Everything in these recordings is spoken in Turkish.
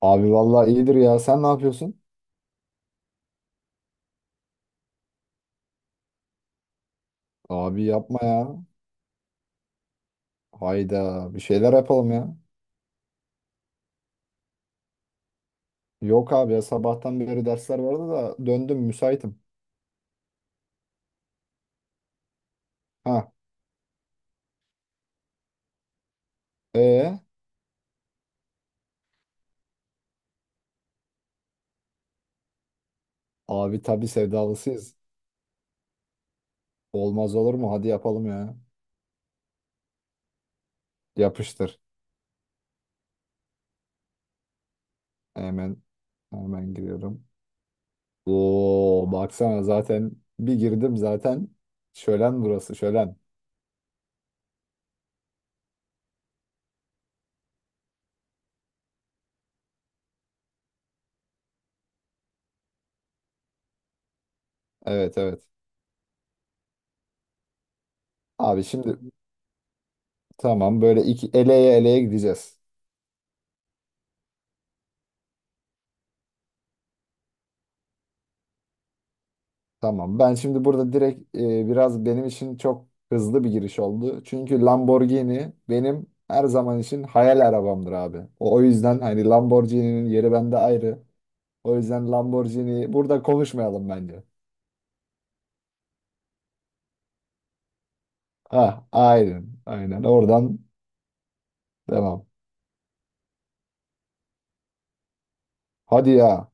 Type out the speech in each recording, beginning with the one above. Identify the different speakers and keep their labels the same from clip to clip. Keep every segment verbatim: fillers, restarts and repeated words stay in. Speaker 1: Abi vallahi iyidir ya. Sen ne yapıyorsun? Abi yapma ya. Hayda bir şeyler yapalım ya. Yok abi ya sabahtan beri dersler vardı da döndüm müsaitim. Ha. E abi tabii sevdalısıyız. Olmaz olur mu? Hadi yapalım ya. Yapıştır. Hemen hemen giriyorum. Oo baksana zaten bir girdim zaten. Şölen burası şölen. Evet evet. Abi şimdi tamam böyle iki eleye eleye gideceğiz. Tamam. Ben şimdi burada direkt e, biraz benim için çok hızlı bir giriş oldu. Çünkü Lamborghini benim her zaman için hayal arabamdır abi. O, o yüzden hani Lamborghini'nin yeri bende ayrı. O yüzden Lamborghini burada konuşmayalım bence. Ah, aynen. Aynen. Oradan devam. Hadi ya.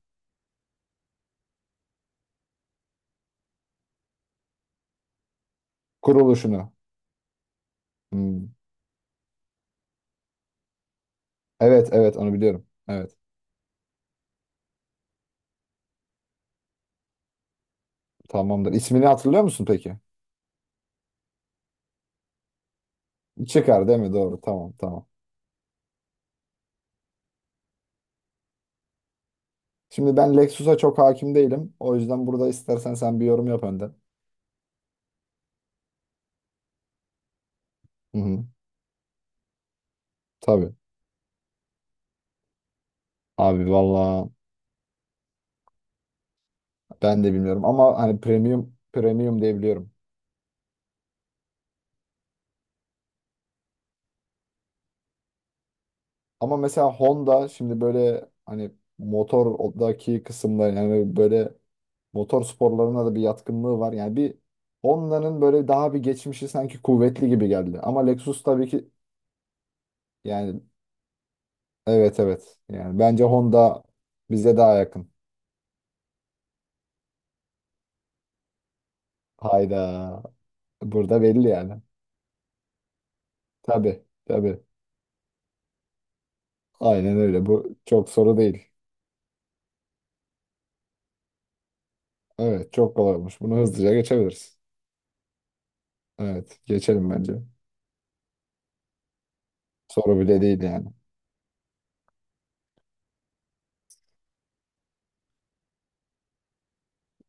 Speaker 1: Kuruluşunu. Hmm. Evet, evet onu biliyorum. Evet. Tamamdır. İsmini hatırlıyor musun peki? Çıkar değil mi? Doğru. Tamam, tamam. Şimdi ben Lexus'a çok hakim değilim. O yüzden burada istersen sen bir yorum yap önden. Hı hı. Tabii. Abi valla ben de bilmiyorum ama hani premium premium diyebiliyorum. Ama mesela Honda şimdi böyle hani motordaki kısımda yani böyle motor sporlarına da bir yatkınlığı var. Yani bir Honda'nın böyle daha bir geçmişi sanki kuvvetli gibi geldi. Ama Lexus tabii ki yani evet evet. Yani bence Honda bize daha yakın. Hayda. Burada belli yani. Tabii tabii. Aynen öyle. Bu çok soru değil. Evet çok kolay olmuş. Bunu hızlıca geçebiliriz. Evet geçelim bence. Soru bile değil yani.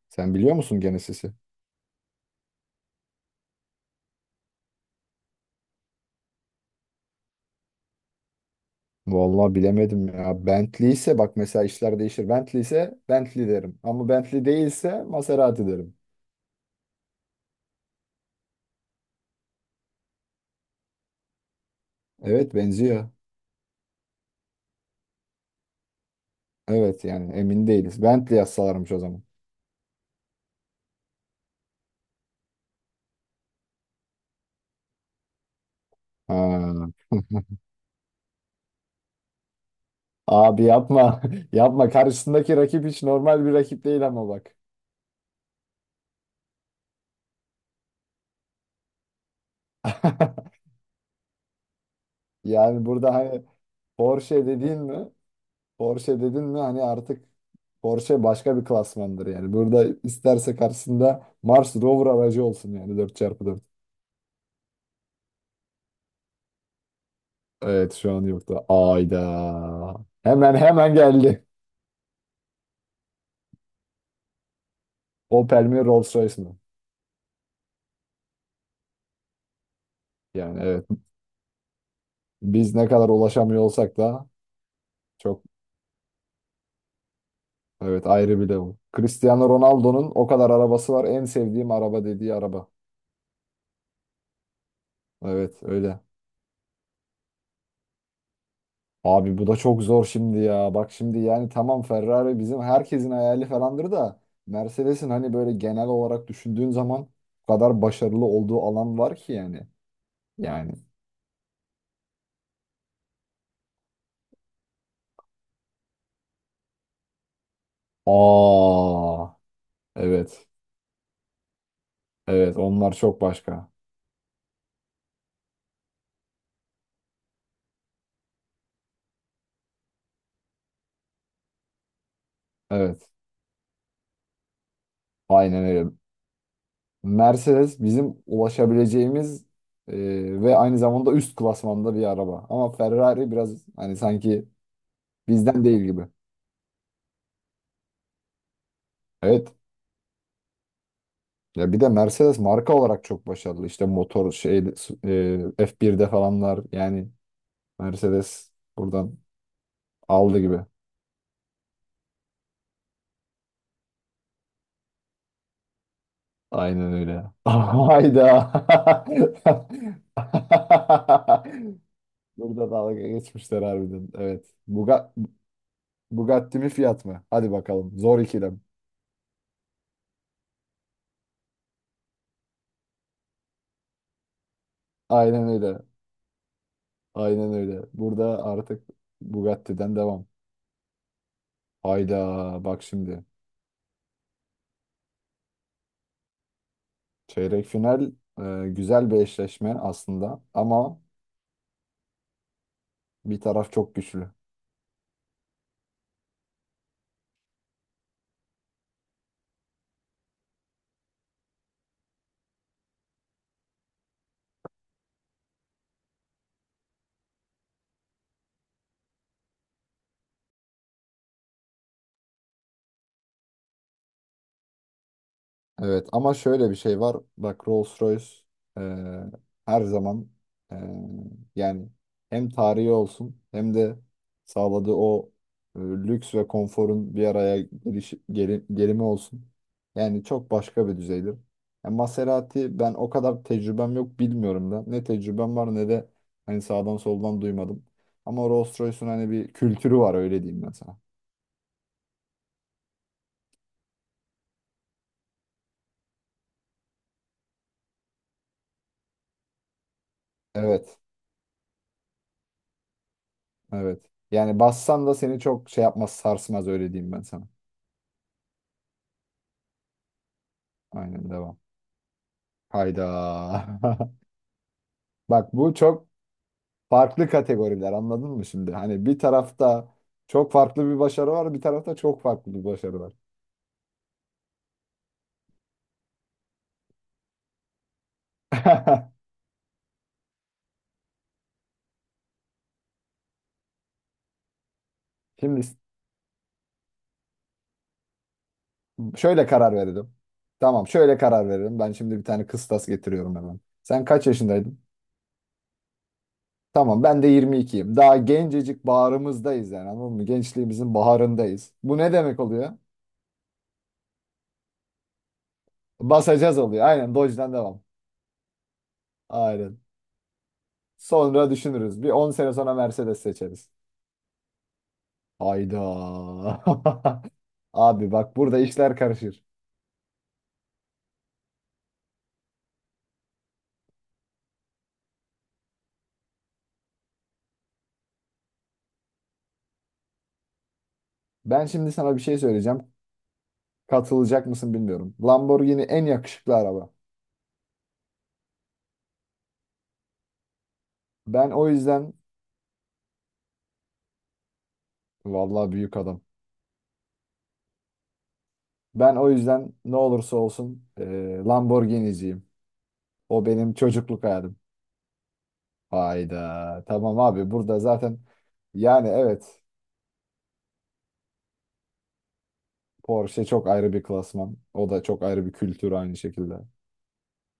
Speaker 1: Sen biliyor musun Genesis'i? Vallahi bilemedim ya. Bentley ise bak mesela işler değişir. Bentley ise Bentley derim. Ama Bentley değilse Maserati derim. Evet benziyor. Evet yani emin değiliz. Bentley yazsalarmış o zaman. Ha. Abi yapma. Yapma. Karşısındaki rakip hiç normal bir rakip değil ama bak. Yani burada hani Porsche dediğin mi? Porsche dedin mi hani artık Porsche başka bir klasmandır yani. Burada isterse karşısında Mars Rover aracı olsun yani dört çarpı dört. Evet şu an yoktu. Ayda. Hemen hemen geldi. Opel mi Rolls Royce mi? Yani evet biz ne kadar ulaşamıyor olsak da çok evet ayrı bir level. Cristiano Ronaldo'nun o kadar arabası var en sevdiğim araba dediği araba. Evet öyle. Abi bu da çok zor şimdi ya. Bak şimdi yani tamam Ferrari bizim herkesin hayali falandır da Mercedes'in hani böyle genel olarak düşündüğün zaman bu kadar başarılı olduğu alan var ki yani. Yani. Aa evet. Evet onlar çok başka. Evet. Aynen öyle. Mercedes bizim ulaşabileceğimiz e, ve aynı zamanda üst klasmanda bir araba. Ama Ferrari biraz hani sanki bizden değil gibi. Evet. Ya bir de Mercedes marka olarak çok başarılı. İşte motor şey e, ef bir de falanlar yani Mercedes buradan aldı gibi. Aynen öyle. Hayda. Burada dalga geçmişler harbiden. Evet. Buga Bugatti mi fiyat mı? Hadi bakalım. Zor ikilem. Aynen öyle. Aynen öyle. Burada artık Bugatti'den devam. Hayda. Bak şimdi. Çeyrek final e, güzel bir eşleşme aslında ama bir taraf çok güçlü. Evet ama şöyle bir şey var. Bak Rolls-Royce eee, her zaman eee, yani hem tarihi olsun hem de sağladığı o e, lüks ve konforun bir araya geliş, geri- gelimi olsun. Yani çok başka bir düzeydir. Yani Maserati ben o kadar tecrübem yok bilmiyorum da. Ne tecrübem var ne de hani sağdan soldan duymadım. Ama Rolls-Royce'un hani bir kültürü var öyle diyeyim ben sana. Evet. Evet. Yani bassan da seni çok şey yapmaz, sarsmaz öyle diyeyim ben sana. Aynen devam. Hayda. Bak bu çok farklı kategoriler anladın mı şimdi? Hani bir tarafta çok farklı bir başarı var, bir tarafta çok farklı bir başarı var. Şimdi şöyle karar verelim. Tamam, şöyle karar verelim. Ben şimdi bir tane kıstas getiriyorum hemen. Sen kaç yaşındaydın? Tamam, ben de yirmi ikiyim. Daha gencecik bağrımızdayız yani anladın mı? Gençliğimizin baharındayız. Bu ne demek oluyor? Basacağız oluyor. Aynen Dodge'den devam. Aynen. Sonra düşünürüz. Bir on sene sonra Mercedes seçeriz. Hayda. Abi bak burada işler karışır. Ben şimdi sana bir şey söyleyeceğim. Katılacak mısın bilmiyorum. Lamborghini en yakışıklı araba. Ben o yüzden vallahi büyük adam. Ben o yüzden ne olursa olsun eee Lamborghini'ciyim. O benim çocukluk hayalim. Hayda. Tamam abi burada zaten yani evet Porsche çok ayrı bir klasman. O da çok ayrı bir kültür aynı şekilde.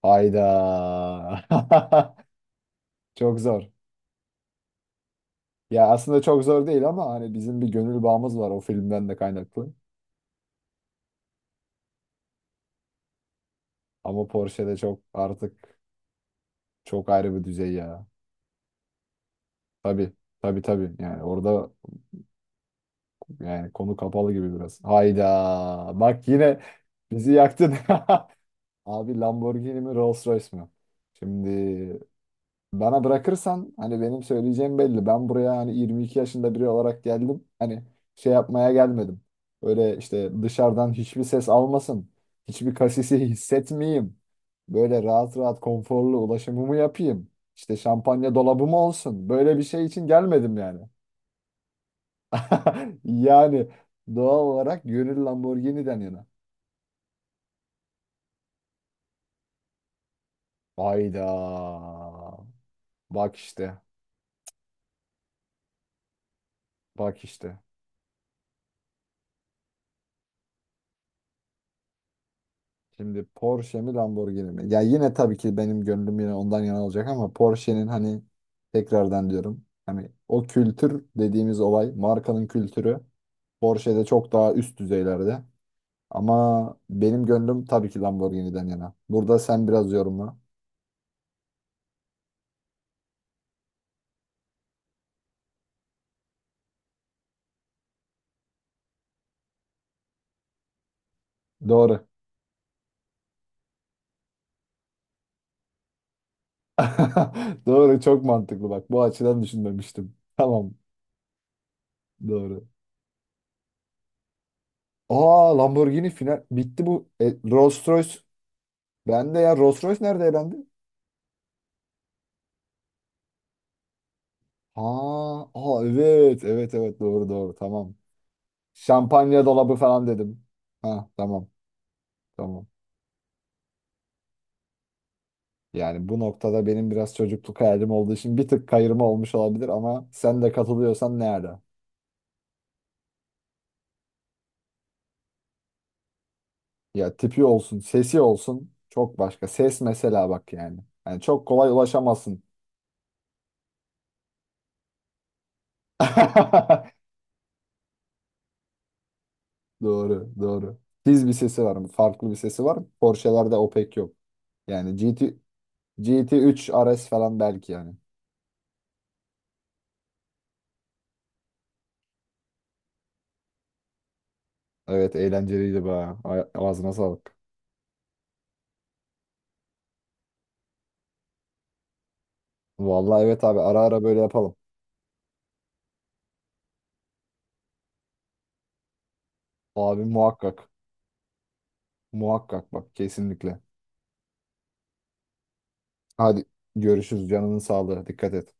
Speaker 1: Hayda. Çok zor. Ya aslında çok zor değil ama hani bizim bir gönül bağımız var o filmden de kaynaklı. Ama Porsche'de çok artık çok ayrı bir düzey ya. Tabii. Tabii tabii. Yani orada yani konu kapalı gibi biraz. Hayda. Bak yine bizi yaktın. Abi Lamborghini mi Rolls Royce mi? Şimdi bana bırakırsan hani benim söyleyeceğim belli. Ben buraya hani yirmi iki yaşında biri olarak geldim. Hani şey yapmaya gelmedim. Öyle işte dışarıdan hiçbir ses almasın. Hiçbir kasisi hissetmeyeyim. Böyle rahat rahat konforlu ulaşımımı yapayım. İşte şampanya dolabım olsun. Böyle bir şey için gelmedim yani. Yani doğal olarak gönül Lamborghini'den yana. Hayda. Bak işte. Bak işte. Şimdi Porsche mi Lamborghini mi? Ya yine tabii ki benim gönlüm yine ondan yana olacak ama Porsche'nin hani tekrardan diyorum. Hani o kültür dediğimiz olay, markanın kültürü Porsche'de çok daha üst düzeylerde. Ama benim gönlüm tabii ki Lamborghini'den yana. Burada sen biraz yorumla. Doğru. Doğru, çok mantıklı bak. Bu açıdan düşünmemiştim. Tamam, doğru. Aa Lamborghini final bitti bu. E, Rolls Royce. Ben de ya Rolls Royce nerede elendi? Ha, aa, evet evet evet doğru doğru tamam. Şampanya dolabı falan dedim. Ha tamam tamam. Yani bu noktada benim biraz çocukluk hayalim olduğu için bir tık kayırma olmuş olabilir ama sen de katılıyorsan ne ala. Ya tipi olsun, sesi olsun çok başka. Ses mesela bak yani. Yani çok kolay ulaşamazsın. Doğru doğru. Tiz bir sesi var mı? Farklı bir sesi var mı? Porsche'lerde o pek yok. Yani G T, G T üç R S falan belki yani. Evet eğlenceliydi be. Ay- Ağzına sağlık. Vallahi evet abi ara ara böyle yapalım. Abi muhakkak. Muhakkak bak kesinlikle. Hadi görüşürüz canının sağlığı. Dikkat et.